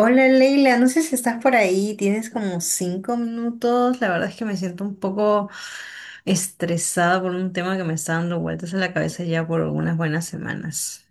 Hola Leila, no sé si estás por ahí, tienes como 5 minutos. La verdad es que me siento un poco estresada por un tema que me está dando vueltas en la cabeza ya por unas buenas semanas.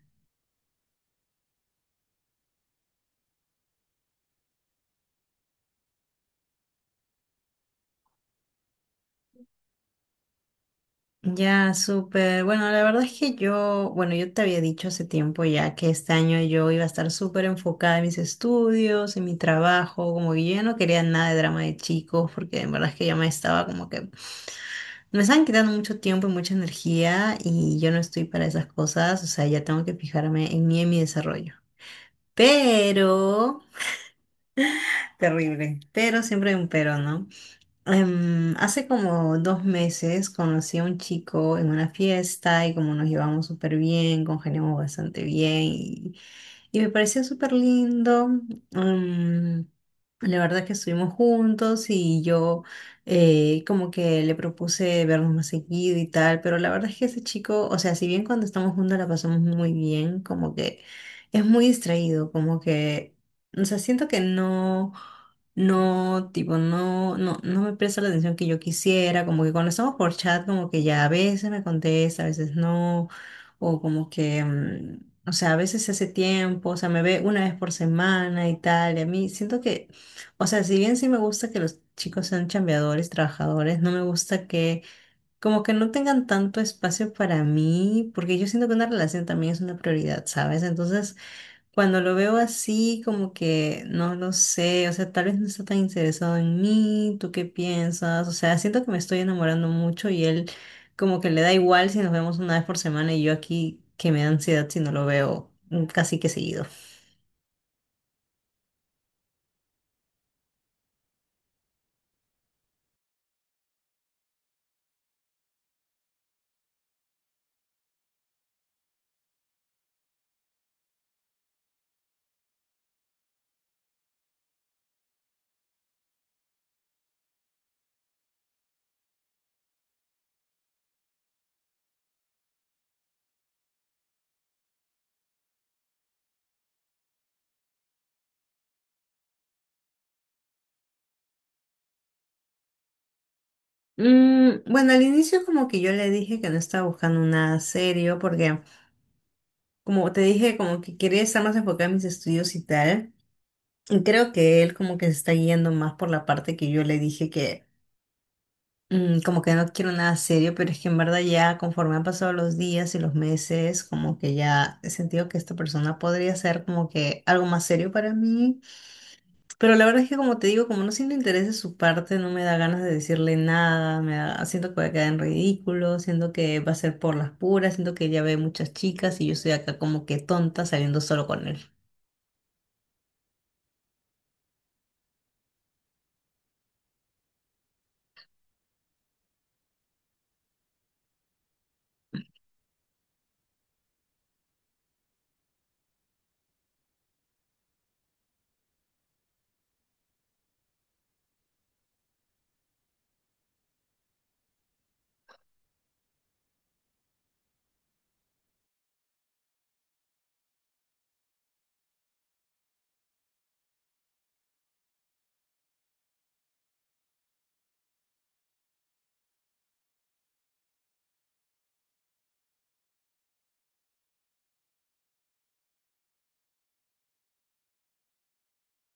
Ya, súper. Bueno, la verdad es que yo, bueno, yo te había dicho hace tiempo ya que este año yo iba a estar súper enfocada en mis estudios, en mi trabajo, como que yo ya no quería nada de drama de chicos, porque en verdad es que ya me estaba como que me están quitando mucho tiempo y mucha energía y yo no estoy para esas cosas, o sea, ya tengo que fijarme en mí y en mi desarrollo. Pero, terrible, pero siempre hay un pero, ¿no? Hace como 2 meses conocí a un chico en una fiesta y como nos llevamos súper bien, congeniamos bastante bien y me pareció súper lindo. mm, la verdad que estuvimos juntos y yo como que le propuse vernos más seguido y tal, pero la verdad es que ese chico, o sea, si bien cuando estamos juntos la pasamos muy bien, como que es muy distraído, como que, o sea, siento que no, no, tipo, no, no me presta la atención que yo quisiera, como que cuando estamos por chat, como que ya a veces me contesta, a veces no. O como que o sea, a veces se hace tiempo, o sea, me ve una vez por semana y tal, y a mí siento que, o sea, si bien sí me gusta que los chicos sean chambeadores, trabajadores, no me gusta que como que no tengan tanto espacio para mí, porque yo siento que una relación también es una prioridad, ¿sabes? Entonces, cuando lo veo así, como que no lo sé, o sea, tal vez no está tan interesado en mí, ¿tú qué piensas? O sea, siento que me estoy enamorando mucho y él como que le da igual si nos vemos una vez por semana y yo aquí que me da ansiedad si no lo veo casi que seguido. Bueno, al inicio como que yo le dije que no estaba buscando nada serio porque como te dije como que quería estar más enfocada en mis estudios y tal. Y creo que él como que se está guiando más por la parte que yo le dije que como que no quiero nada serio, pero es que en verdad ya conforme han pasado los días y los meses, como que ya he sentido que esta persona podría ser como que algo más serio para mí. Pero la verdad es que como te digo, como no siento interés de su parte, no me da ganas de decirle nada, me da- siento que voy a quedar en ridículo, siento que va a ser por las puras, siento que ya ve muchas chicas y yo estoy acá como que tonta saliendo solo con él.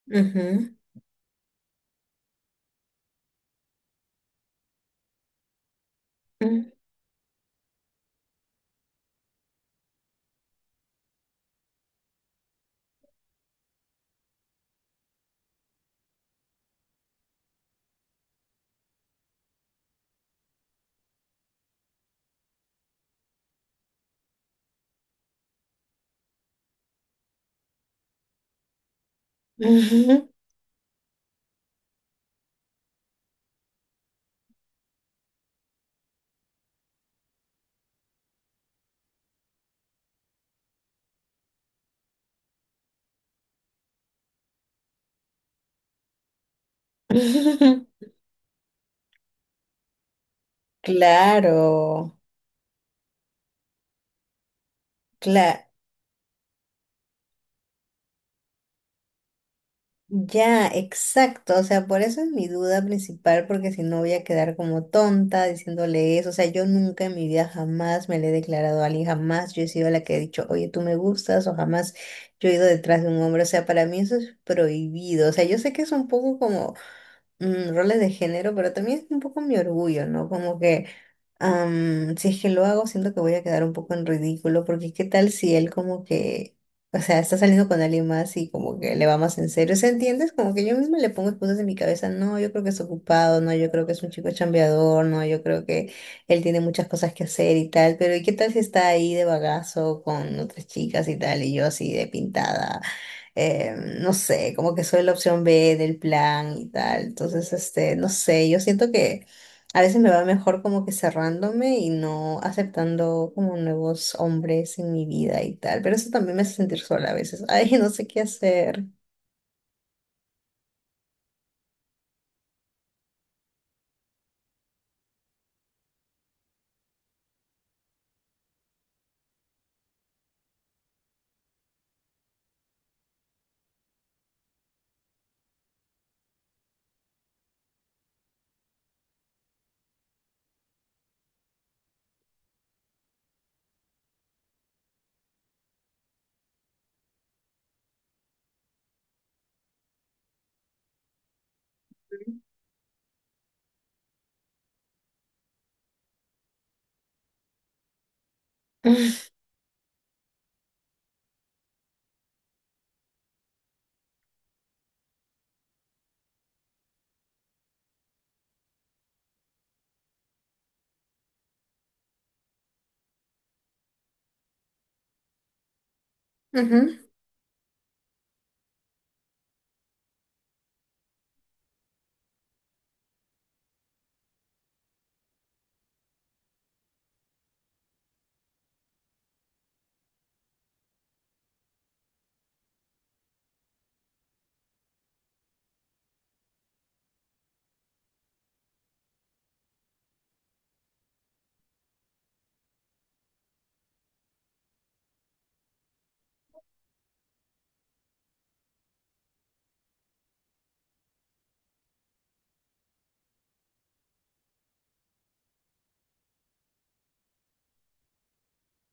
Ujú, ujú, ujú. Ujú. Claro. Ya, exacto. O sea, por eso es mi duda principal, porque si no voy a quedar como tonta diciéndole eso. O sea, yo nunca en mi vida jamás me le he declarado a alguien, jamás yo he sido la que he dicho, oye, tú me gustas, o jamás yo he ido detrás de un hombre. O sea, para mí eso es prohibido. O sea, yo sé que es un poco como roles de género, pero también es un poco mi orgullo, ¿no? Como que si es que lo hago, siento que voy a quedar un poco en ridículo, porque qué tal si él como que, o sea, está saliendo con alguien más y como que le va más en serio, ¿se entiendes? Como que yo misma le pongo excusas en mi cabeza, no, yo creo que es ocupado, no, yo creo que es un chico chambeador, no, yo creo que él tiene muchas cosas que hacer y tal, pero ¿y qué tal si está ahí de bagazo con otras chicas y tal, y yo así de pintada? No sé, como que soy la opción B del plan y tal, entonces, este, no sé, yo siento que... A veces me va mejor como que cerrándome y no aceptando como nuevos hombres en mi vida y tal, pero eso también me hace sentir sola a veces. Ay, no sé qué hacer. Ujú,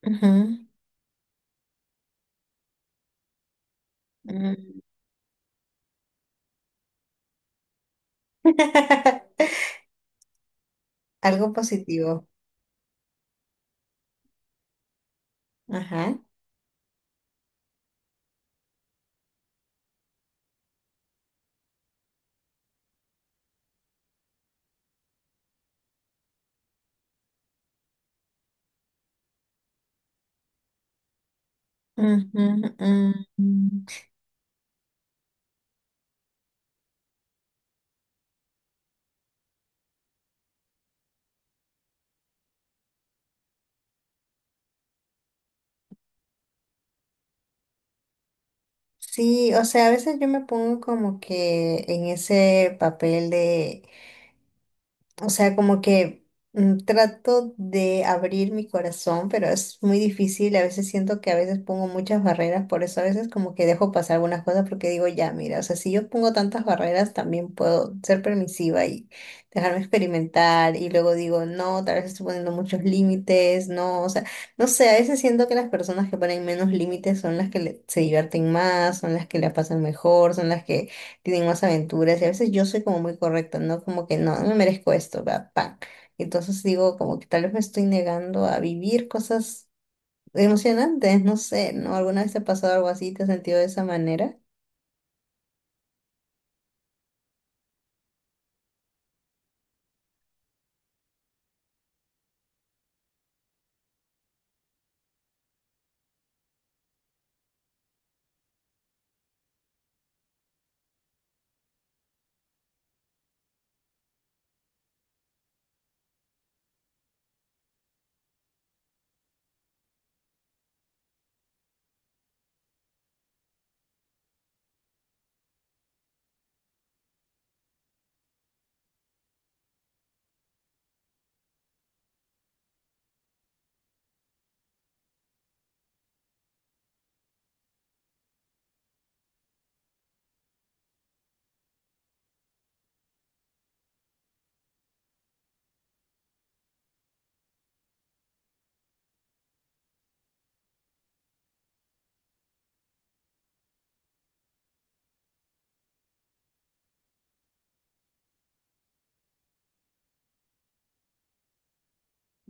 ujú, mm. Algo positivo. Ajá. Ujú, mm. Sí, o sea, a veces yo me pongo como que en ese papel de o sea, como que trato de abrir mi corazón, pero es muy difícil. A veces siento que a veces pongo muchas barreras, por eso a veces como que dejo pasar algunas cosas porque digo, ya, mira, o sea, si yo pongo tantas barreras, también puedo ser permisiva y dejarme experimentar. Y luego digo, no, tal vez estoy poniendo muchos límites, no, o sea, no sé, a veces siento que las personas que ponen menos límites son las que le- se divierten más, son las que la pasan mejor, son las que tienen más aventuras y a veces yo soy como muy correcta, ¿no? Como que no, no me merezco esto, va, pa. Entonces digo, como que tal vez me estoy negando a vivir cosas emocionantes, no sé, ¿no? ¿Alguna vez te ha pasado algo así? ¿Te has sentido de esa manera?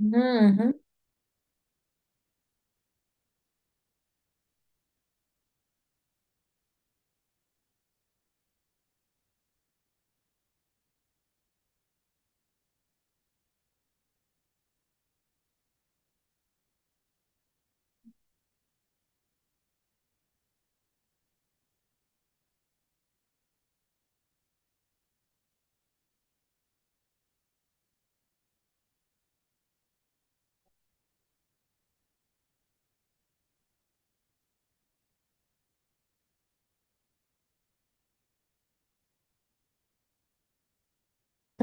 Ujú,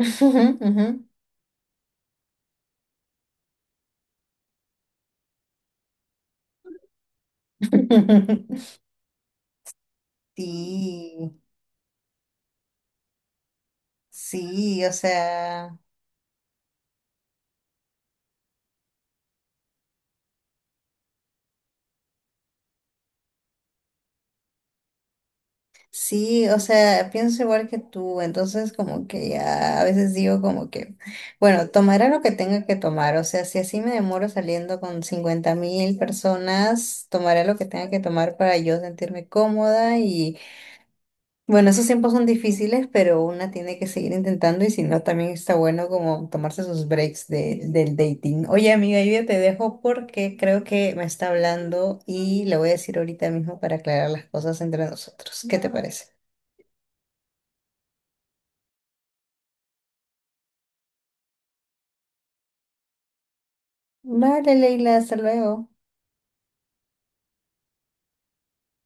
ujú, ujú, ujú. Sí, sí, o sea. Sí, o sea, pienso igual que tú, entonces como que ya a veces digo como que, bueno, tomaré lo que tenga que tomar, o sea, si así me demoro saliendo con 50.000 personas, tomaré lo que tenga que tomar para yo sentirme cómoda y bueno, esos tiempos son difíciles, pero una tiene que seguir intentando y si no, también está bueno como tomarse sus breaks de, del dating. Oye, amiga, yo ya te dejo porque creo que me está hablando y le voy a decir ahorita mismo para aclarar las cosas entre nosotros. ¿Qué te parece? Vale, Leila, hasta luego.